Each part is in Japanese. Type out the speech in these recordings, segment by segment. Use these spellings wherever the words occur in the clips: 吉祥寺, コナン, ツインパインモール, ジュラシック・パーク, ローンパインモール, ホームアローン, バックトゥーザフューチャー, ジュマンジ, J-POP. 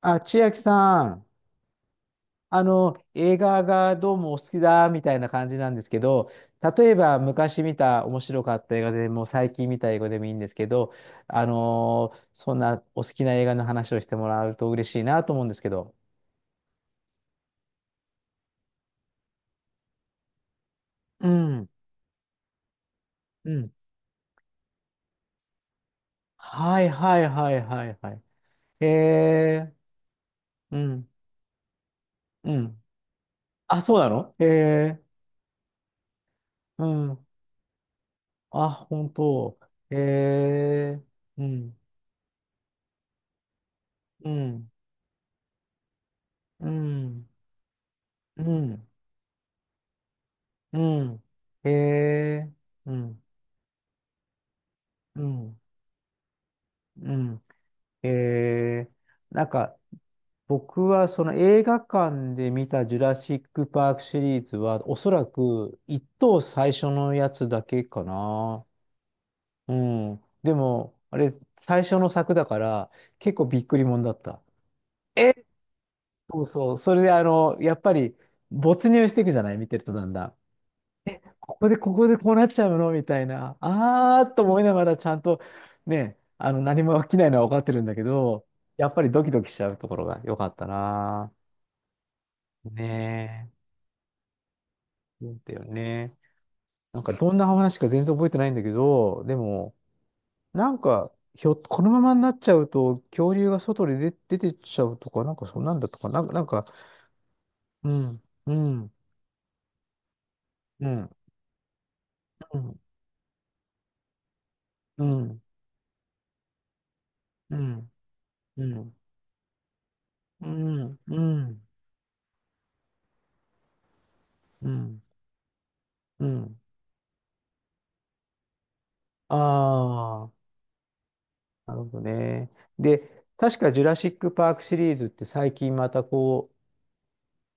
あ、千秋さん、映画がどうもお好きだみたいな感じなんですけど、例えば昔見た面白かった映画でも最近見た映画でもいいんですけど、そんなお好きな映画の話をしてもらうと嬉しいなと思うんですけど。うん、うん。はいはいはいはいはい。へえ、うん、うん。あ、そうなのへえ、うん。あ、本当。へえ、うん、うん、うん、うん。うん。へえ。うん。うん。うん。へえ。なんか、僕はその映画館で見たジュラシック・パークシリーズは、おそらく一等最初のやつだけかな。うん。でも、あれ、最初の作だから、結構びっくりもんだった。えそうそう。それで、やっぱり、没入していくじゃない、見てると、だんだん。ここでこうなっちゃうのみたいな、あーっと思いながらちゃんと、ね、何も起きないのは分かってるんだけど、やっぱりドキドキしちゃうところが良かったな。ねえ。そうだよね。なんかどんな話か全然覚えてないんだけど、でも、なんか、このままになっちゃうと、恐竜が外に出、出てっちゃうとか、なんかそんなんだとか、なんか、なんか、うん、うん、うん、うん、うん、うん、うん、うん、うん、うん、うん。うん、ああ、なるほどね。で、確かジュラシック・パークシリーズって最近またこう、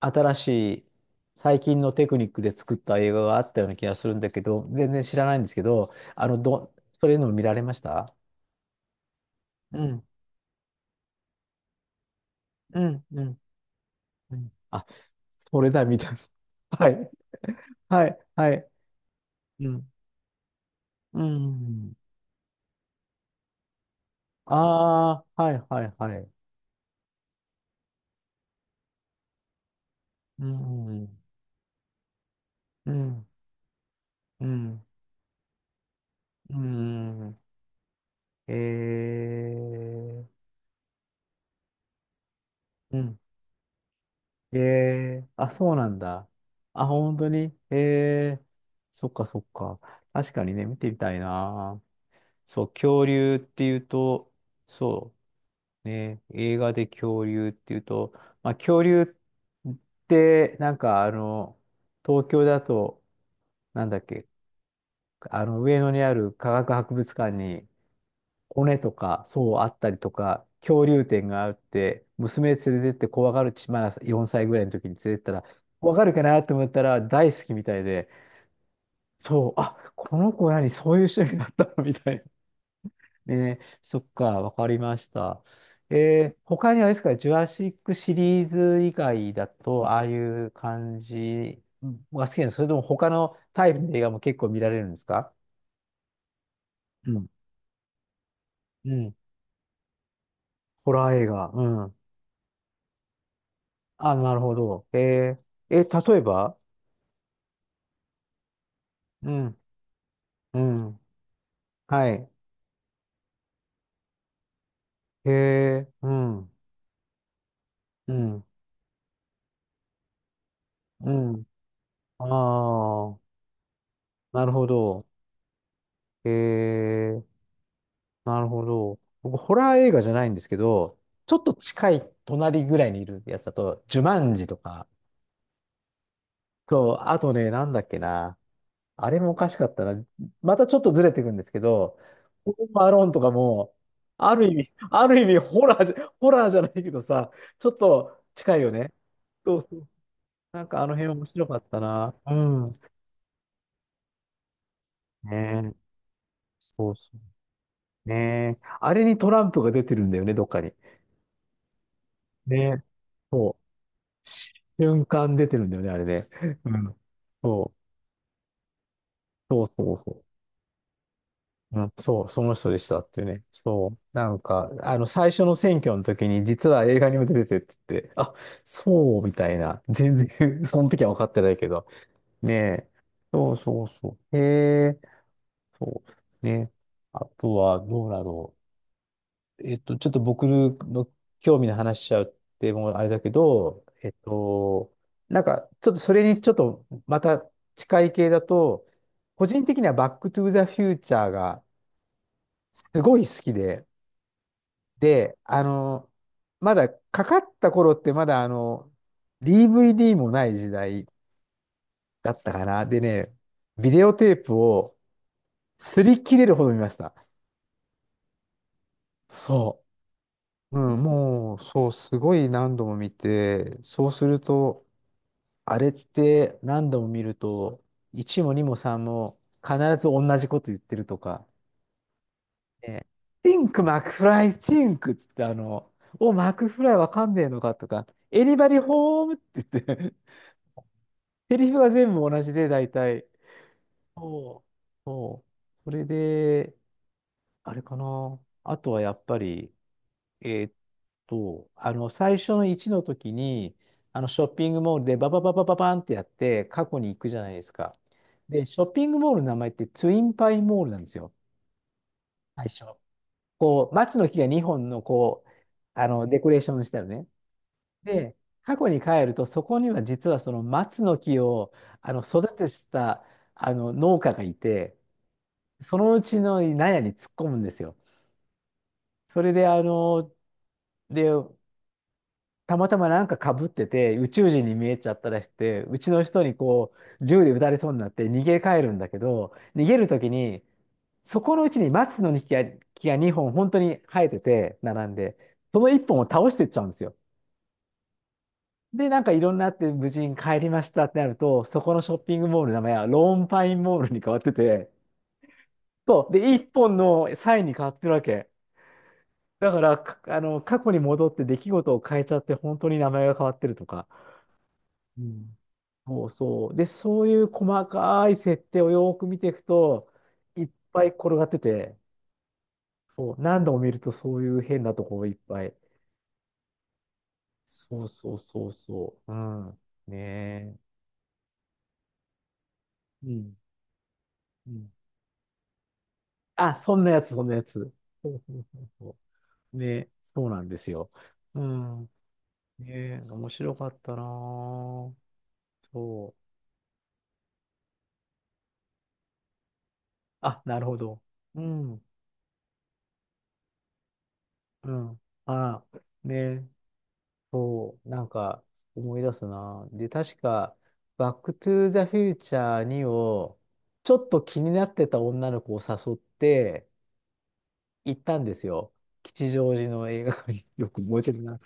新しい、最近のテクニックで作った映画があったような気がするんだけど、全然知らないんですけど、それの見られました。うん、うん、うん、うん。あ、それだ、みたいな。はい、はい、はい。うん、うん。ああ、はい、はい、はい。うん、うん、うん、うん。えー、うん、ええ、あ、そうなんだ。あ、本当に。ええ、そっかそっか。確かにね、見てみたいな。そう、恐竜っていうと、そう、ね、映画で恐竜っていうと、まあ、恐竜って、東京だと、なんだっけ、上野にある科学博物館に、骨とか、そうあったりとか、恐竜展があって、娘連れてって、怖がるち、まだ4歳ぐらいの時に連れてったら、怖がるかなと思ったら大好きみたいで、そう、あ、この子何、そういう趣味だったの みたいな。ね、そっか、わかりました。えー、他にはあれですか、ジュラシックシリーズ以外だと、ああいう感じが好きなんですか。それとも他のタイプの映画も結構見られるんですか。うん、うん。ホラー映画。うん。あ、なるほど。えー、え、例えば。うん、うん、はい。えー、うん、うん、うん。ああ、なるほど。えー、なるほど。僕、ホラー映画じゃないんですけど、ちょっと近い隣ぐらいにいるやつだと、ジュマンジとか、そう、あとね、なんだっけな。あれもおかしかったな。またちょっとずれていくんですけど、ホームアローンとかも、ある意味、ホラーじゃないけどさ、ちょっと近いよね。そうそう。なんかあの辺面白かったな。うん。ねえ。そうそう。ねえ。あれにトランプが出てるんだよね、どっかに。ねえ。そう。瞬間出てるんだよね、あれね。うん。そう。そうそうそう。うん、そう、その人でしたっていうね。そう。なんか、最初の選挙の時に、実は映画にも出ててって言って、あ、そう、みたいな。全然 その時は分かってないけど。ねえ。そうそうそう。へえ、そう。ね。あとは、どうだろう。ちょっと僕の興味の話しちゃうって、もうあれだけど、なんか、ちょっとそれにちょっと、また近い系だと、個人的にはバックトゥーザフューチャーがすごい好きで、で、まだかかった頃ってまだDVD もない時代だったかな。でね、ビデオテープを擦り切れるほど見ました。そう。うん、もう、そう、すごい何度も見て、そうすると、あれって何度も見ると、1も2も3も必ず同じこと言ってるとか、ね、Think, マクフライ Think っつって、お、マクフライわかんねえのかとか、Anybody home? って言って、セリフが全部同じで、大体。たうそう。それで、あれかな。あとはやっぱり、えーっ最初の1の時に、ショッピングモールでババババババンってやって、過去に行くじゃないですか。で、ショッピングモールの名前ってツインパイモールなんですよ、最初。こう、松の木が2本の、こう、デコレーションしたよね。で、過去に帰ると、そこには実はその松の木を育ててた農家がいて、そのうちの納屋に突っ込むんですよ。それで、で、たまたまなんかかぶってて、宇宙人に見えちゃったらして、うちの人にこう、銃で撃たれそうになって逃げ帰るんだけど、逃げるときに、そこのうちに松の木が、木が2本本当に生えてて、並んで、その1本を倒してっちゃうんですよ。で、なんかいろんなあって無事に帰りましたってなると、そこのショッピングモールの名前はローンパインモールに変わってて、そう。で、一本のサインに変わってるわけ。だから、かあの、過去に戻って出来事を変えちゃって、本当に名前が変わってるとか。うん。そうそう。で、そういう細かい設定をよーく見ていくと、いっぱい転がってて、そう。何度も見るとそういう変なところいっぱい。そうそうそうそう。うん。ねえ。うん。うん、あ、そんなやつ、そんなやつ。そうそうそうそう。ね、そうなんですよ。うん。ね、面白かったなぁ。そう。あ、なるほど。うん、うん。あ、ね、そう。なんか、思い出すなぁ。で、確か、バックトゥーザフューチャー2を、ちょっと気になってた女の子を誘って、行ったんですよ、吉祥寺の映画館に。 よく覚えてるな。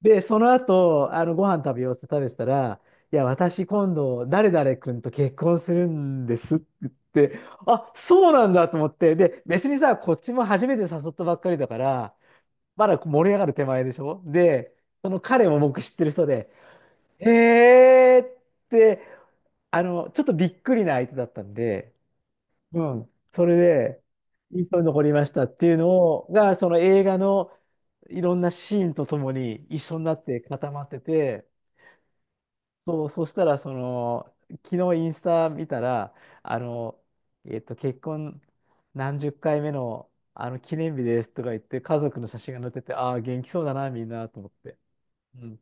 で、その後、ご飯食べようって食べてたら、いや、私今度、誰々君と結婚するんですって言って、あ、そうなんだと思って、で、別にさ、こっちも初めて誘ったばっかりだから、まだ盛り上がる手前でしょ、で、その彼も僕知ってる人で、へえーって、ちょっとびっくりな相手だったんで、うん、それで、印象に残りましたっていうのをが、その映画のいろんなシーンとともに一緒になって固まってて、そう、そしたら、その、昨日インスタ見たら、あの、結婚何十回目の、記念日ですとか言って、家族の写真が載ってて、ああ、元気そうだな、みんな、と思って。うん。っ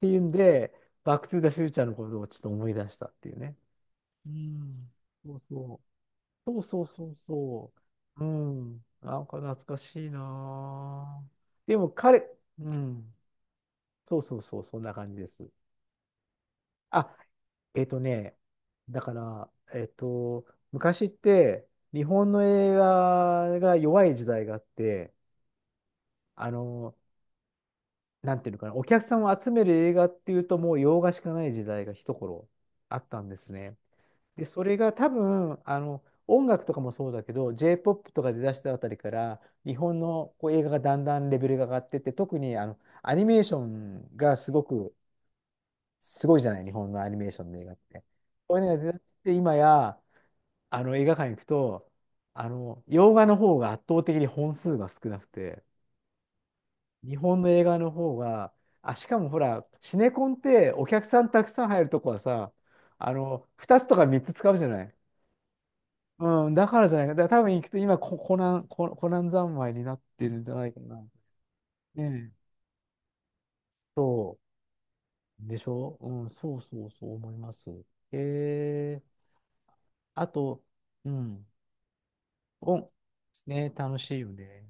ていうんで、バックトゥザフューチャーのことをちょっと思い出したっていうね。うん。そうそう。そうそうそうそう。うん。なんか懐かしいなぁ。でも彼、うん。そうそうそう、そんな感じです。あ、えっとね、だから、えっと、昔って日本の映画が弱い時代があって、あの、なんていうのかな、お客さんを集める映画っていうともう洋画しかない時代が一頃あったんですね。で、それが多分、音楽とかもそうだけど、J-POP とか出だしたあたりから、日本のこう映画がだんだんレベルが上がってって、特にアニメーションがすごく、すごいじゃない、日本のアニメーションの映画って。こういうのが出だして、今や、あの映画館行くと、洋画の方が圧倒的に本数が少なくて、日本の映画の方が、あ、しかもほら、シネコンってお客さんたくさん入るとこはさ、2つとか3つ使うじゃない。うん、だからじゃないか。だから多分行くと、今コナン三昧になってるんじゃないかな。ねえ。そう。でしょ。うん、そうそうそう思います。えー、あと、うん、お、ね、楽しいよね。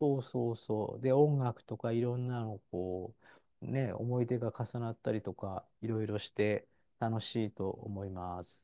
そうそうそう。で、音楽とかいろんなの、こう、ね、思い出が重なったりとか、いろいろして楽しいと思います。